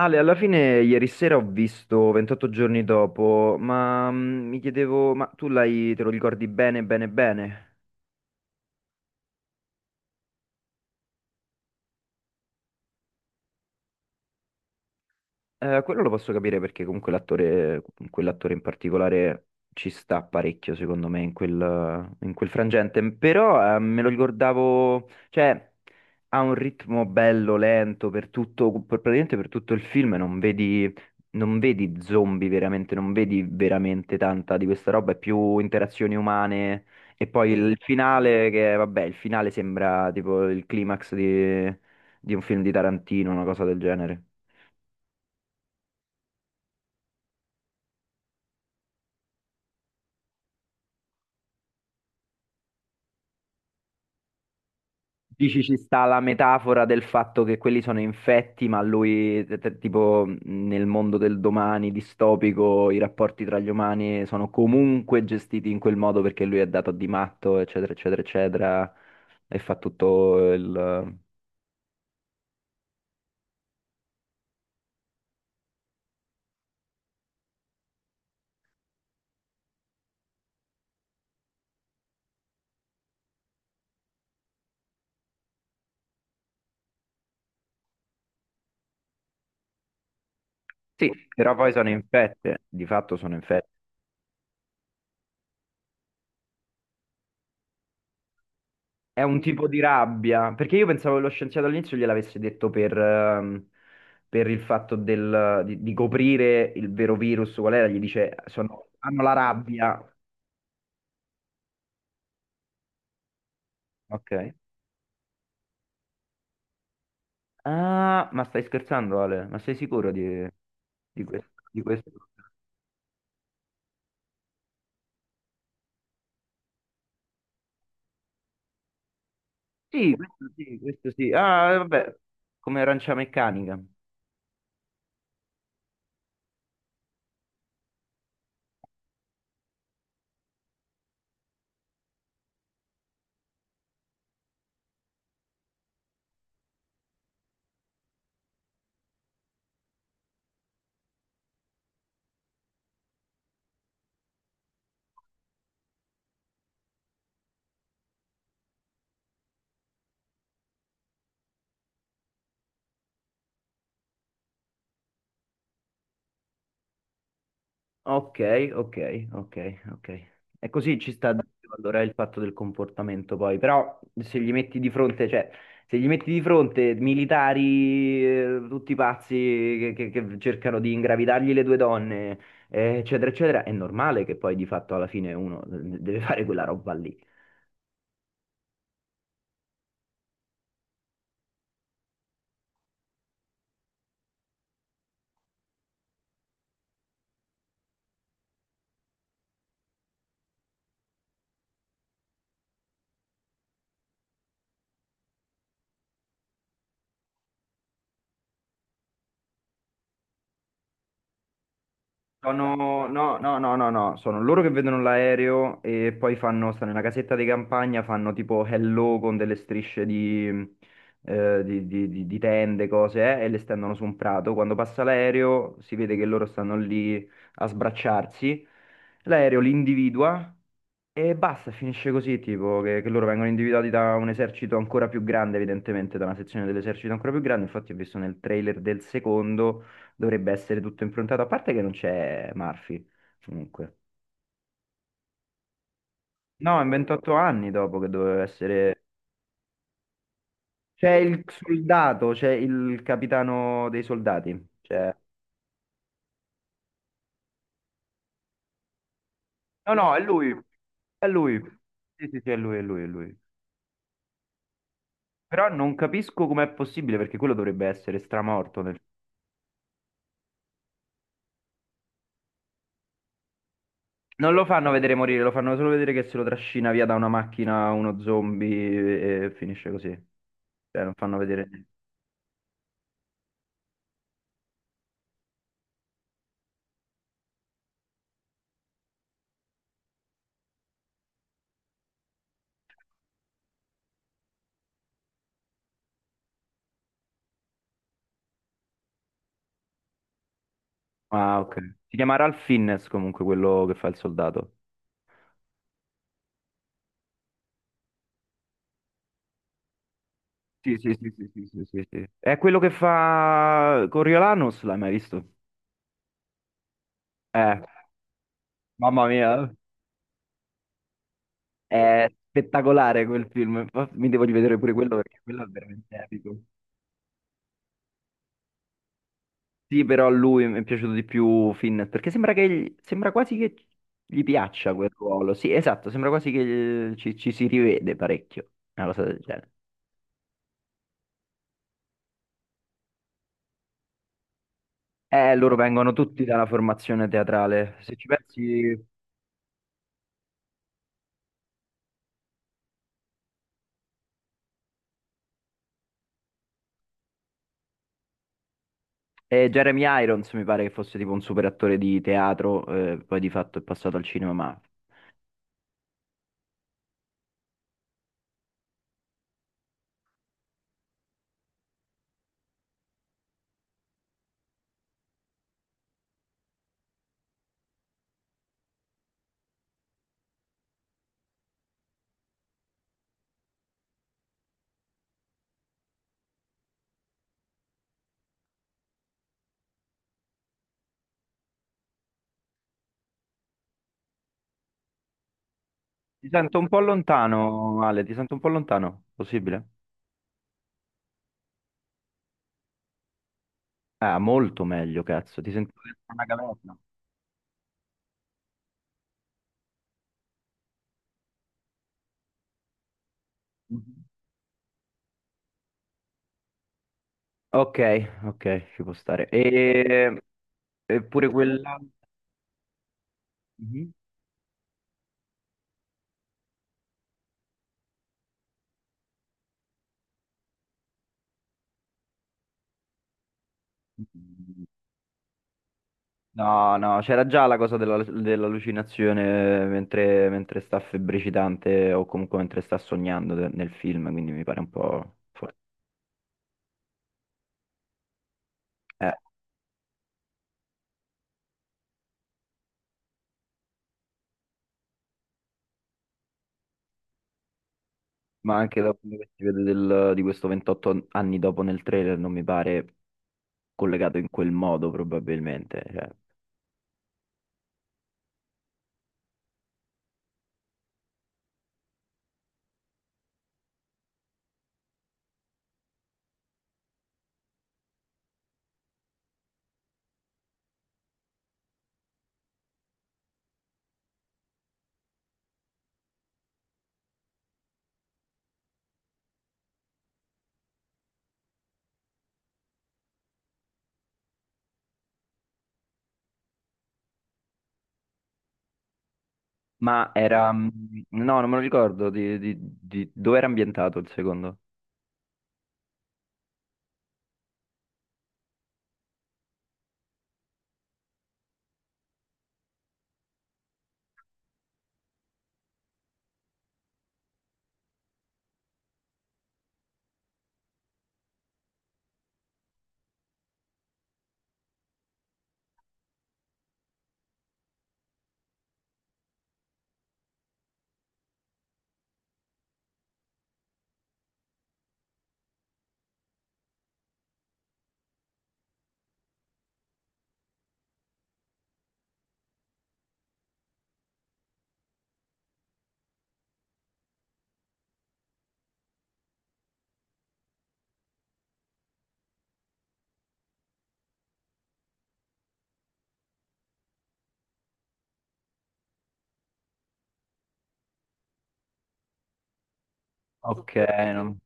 Ale, alla fine ieri sera ho visto 28 giorni dopo, ma mi chiedevo, ma te lo ricordi bene? Quello lo posso capire perché comunque l'attore, quell'attore in particolare ci sta parecchio, secondo me, in quel frangente. Però me lo ricordavo, cioè ha un ritmo bello, lento per tutto, praticamente per tutto il film. Non vedi zombie veramente, non vedi veramente tanta di questa roba, è più interazioni umane. E poi sì. Il finale, che vabbè, il finale sembra tipo il climax di un film di Tarantino, una cosa del genere. Dici ci sta la metafora del fatto che quelli sono infetti, ma lui, tipo nel mondo del domani distopico, i rapporti tra gli umani sono comunque gestiti in quel modo perché lui è dato di matto, eccetera, eccetera, eccetera, e fa tutto il... Sì, però poi sono infette, di fatto sono infette. È un tipo di rabbia, perché io pensavo che lo scienziato all'inizio gliel'avesse detto per il fatto di coprire il vero virus, qual era? Gli dice, hanno la rabbia. Ok. Ah, ma stai scherzando, Ale? Ma sei sicuro di questo? Di questo? Sì, questo sì, questo sì. Ah, vabbè, come Arancia Meccanica. Ok, ok, ok, ok. E così ci sta dentro allora il fatto del comportamento poi, però se gli metti di fronte, cioè, se gli metti di fronte militari, tutti pazzi che, che cercano di ingravidargli le due donne, eccetera, eccetera, è normale che poi di fatto alla fine uno deve fare quella roba lì. Sono, no, no, sono loro che vedono l'aereo e poi fanno, stanno nella casetta di campagna, fanno tipo hello con delle strisce di, di tende, cose, e le stendono su un prato. Quando passa l'aereo si vede che loro stanno lì a sbracciarsi. L'aereo li individua e basta, finisce così, tipo che loro vengono individuati da un esercito ancora più grande, evidentemente, da una sezione dell'esercito ancora più grande. Infatti, ho visto nel trailer del secondo, dovrebbe essere tutto improntato, a parte che non c'è Murphy, comunque. No, è 28 anni dopo che doveva essere... C'è il soldato, c'è il capitano dei soldati. C'è... No, no, è lui, è lui. Sì, sì, sì, è lui, è lui, è lui. Però non capisco com'è possibile, perché quello dovrebbe essere stramorto. Non lo fanno vedere morire, lo fanno solo vedere che se lo trascina via da una macchina uno zombie e finisce così. Cioè, non fanno vedere niente. Ah, ok. Si chiama Ralph Fiennes comunque quello che fa il soldato. Sì, sì, sì, sì, sì, sì, sì, sì. È quello che fa Coriolanus, l'hai mai visto? Eh, mamma mia, è spettacolare quel film. Infatti mi devo rivedere pure quello perché quello è veramente epico. Sì, però a lui mi è piaciuto di più Finn, perché sembra che sembra quasi che gli piaccia quel ruolo. Sì, esatto, sembra quasi che ci si rivede parecchio, una cosa del genere. Loro vengono tutti dalla formazione teatrale. Se ci pensi, Jeremy Irons mi pare che fosse tipo un super attore di teatro, poi di fatto è passato al cinema, ma ti sento un po' lontano, Ale, ti sento un po' lontano, possibile? Ah, molto meglio, cazzo, ti sento dentro una caverna. Ok, ok, ci può stare. E, eppure quella... Mhm. No, no, c'era già la cosa dell'allucinazione mentre sta febbricitante o comunque mentre sta sognando nel film, quindi mi pare un po'... forte. Eh, ma anche dopo quello che si vede di questo 28 anni dopo nel trailer non mi pare collegato in quel modo probabilmente. Cioè. Ma era... no, non me lo ricordo dove era ambientato il secondo. Ok, no.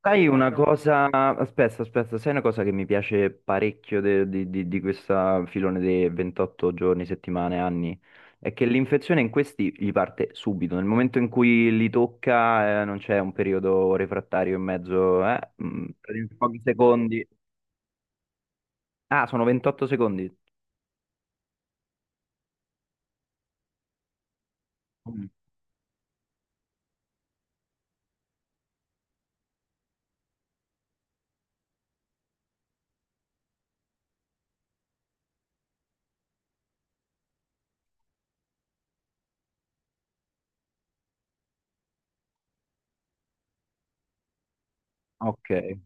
Sai una cosa, aspetta, aspetta, sai una cosa che mi piace parecchio di questa filone dei 28 giorni, settimane, anni? È che l'infezione in questi gli parte subito, nel momento in cui li tocca, non c'è un periodo refrattario in mezzo, eh? In pochi secondi. Ah, sono 28 secondi. Mm, Ok.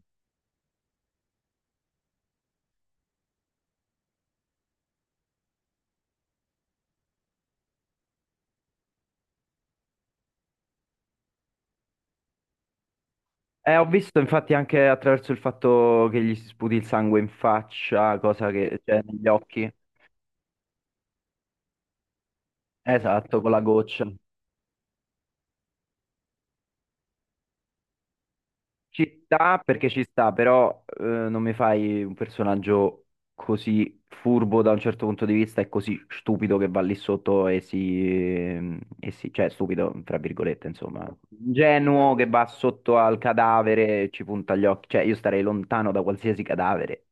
Ho visto infatti anche attraverso il fatto che gli si sputi il sangue in faccia, cosa che c'è negli occhi. Esatto, con la goccia. Ci sta perché ci sta, però non mi fai un personaggio così furbo da un certo punto di vista e così stupido che va lì sotto e si, e cioè stupido, tra virgolette, insomma, ingenuo che va sotto al cadavere e ci punta gli occhi. Cioè, io starei lontano da qualsiasi cadavere.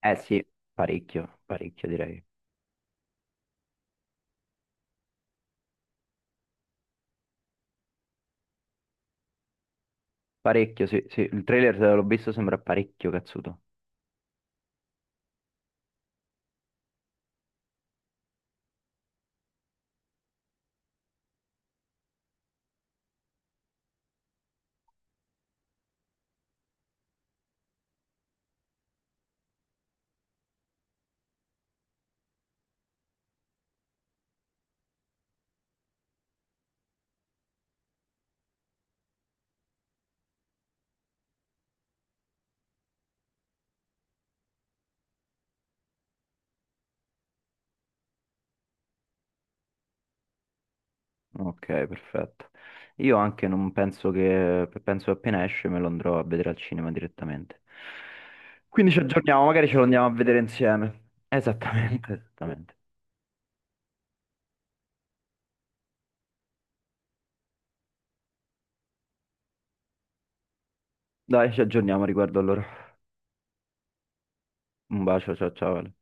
Eh sì, parecchio, parecchio direi. Parecchio, sì, sì. Il trailer l'ho visto, sembra parecchio cazzuto. Ok, perfetto. Io anche non penso che, penso che appena esce me lo andrò a vedere al cinema direttamente. Quindi ci aggiorniamo, magari ce lo andiamo a vedere insieme. Esattamente, esattamente. Dai, ci aggiorniamo a riguardo allora. Un bacio, ciao ciao, Ale.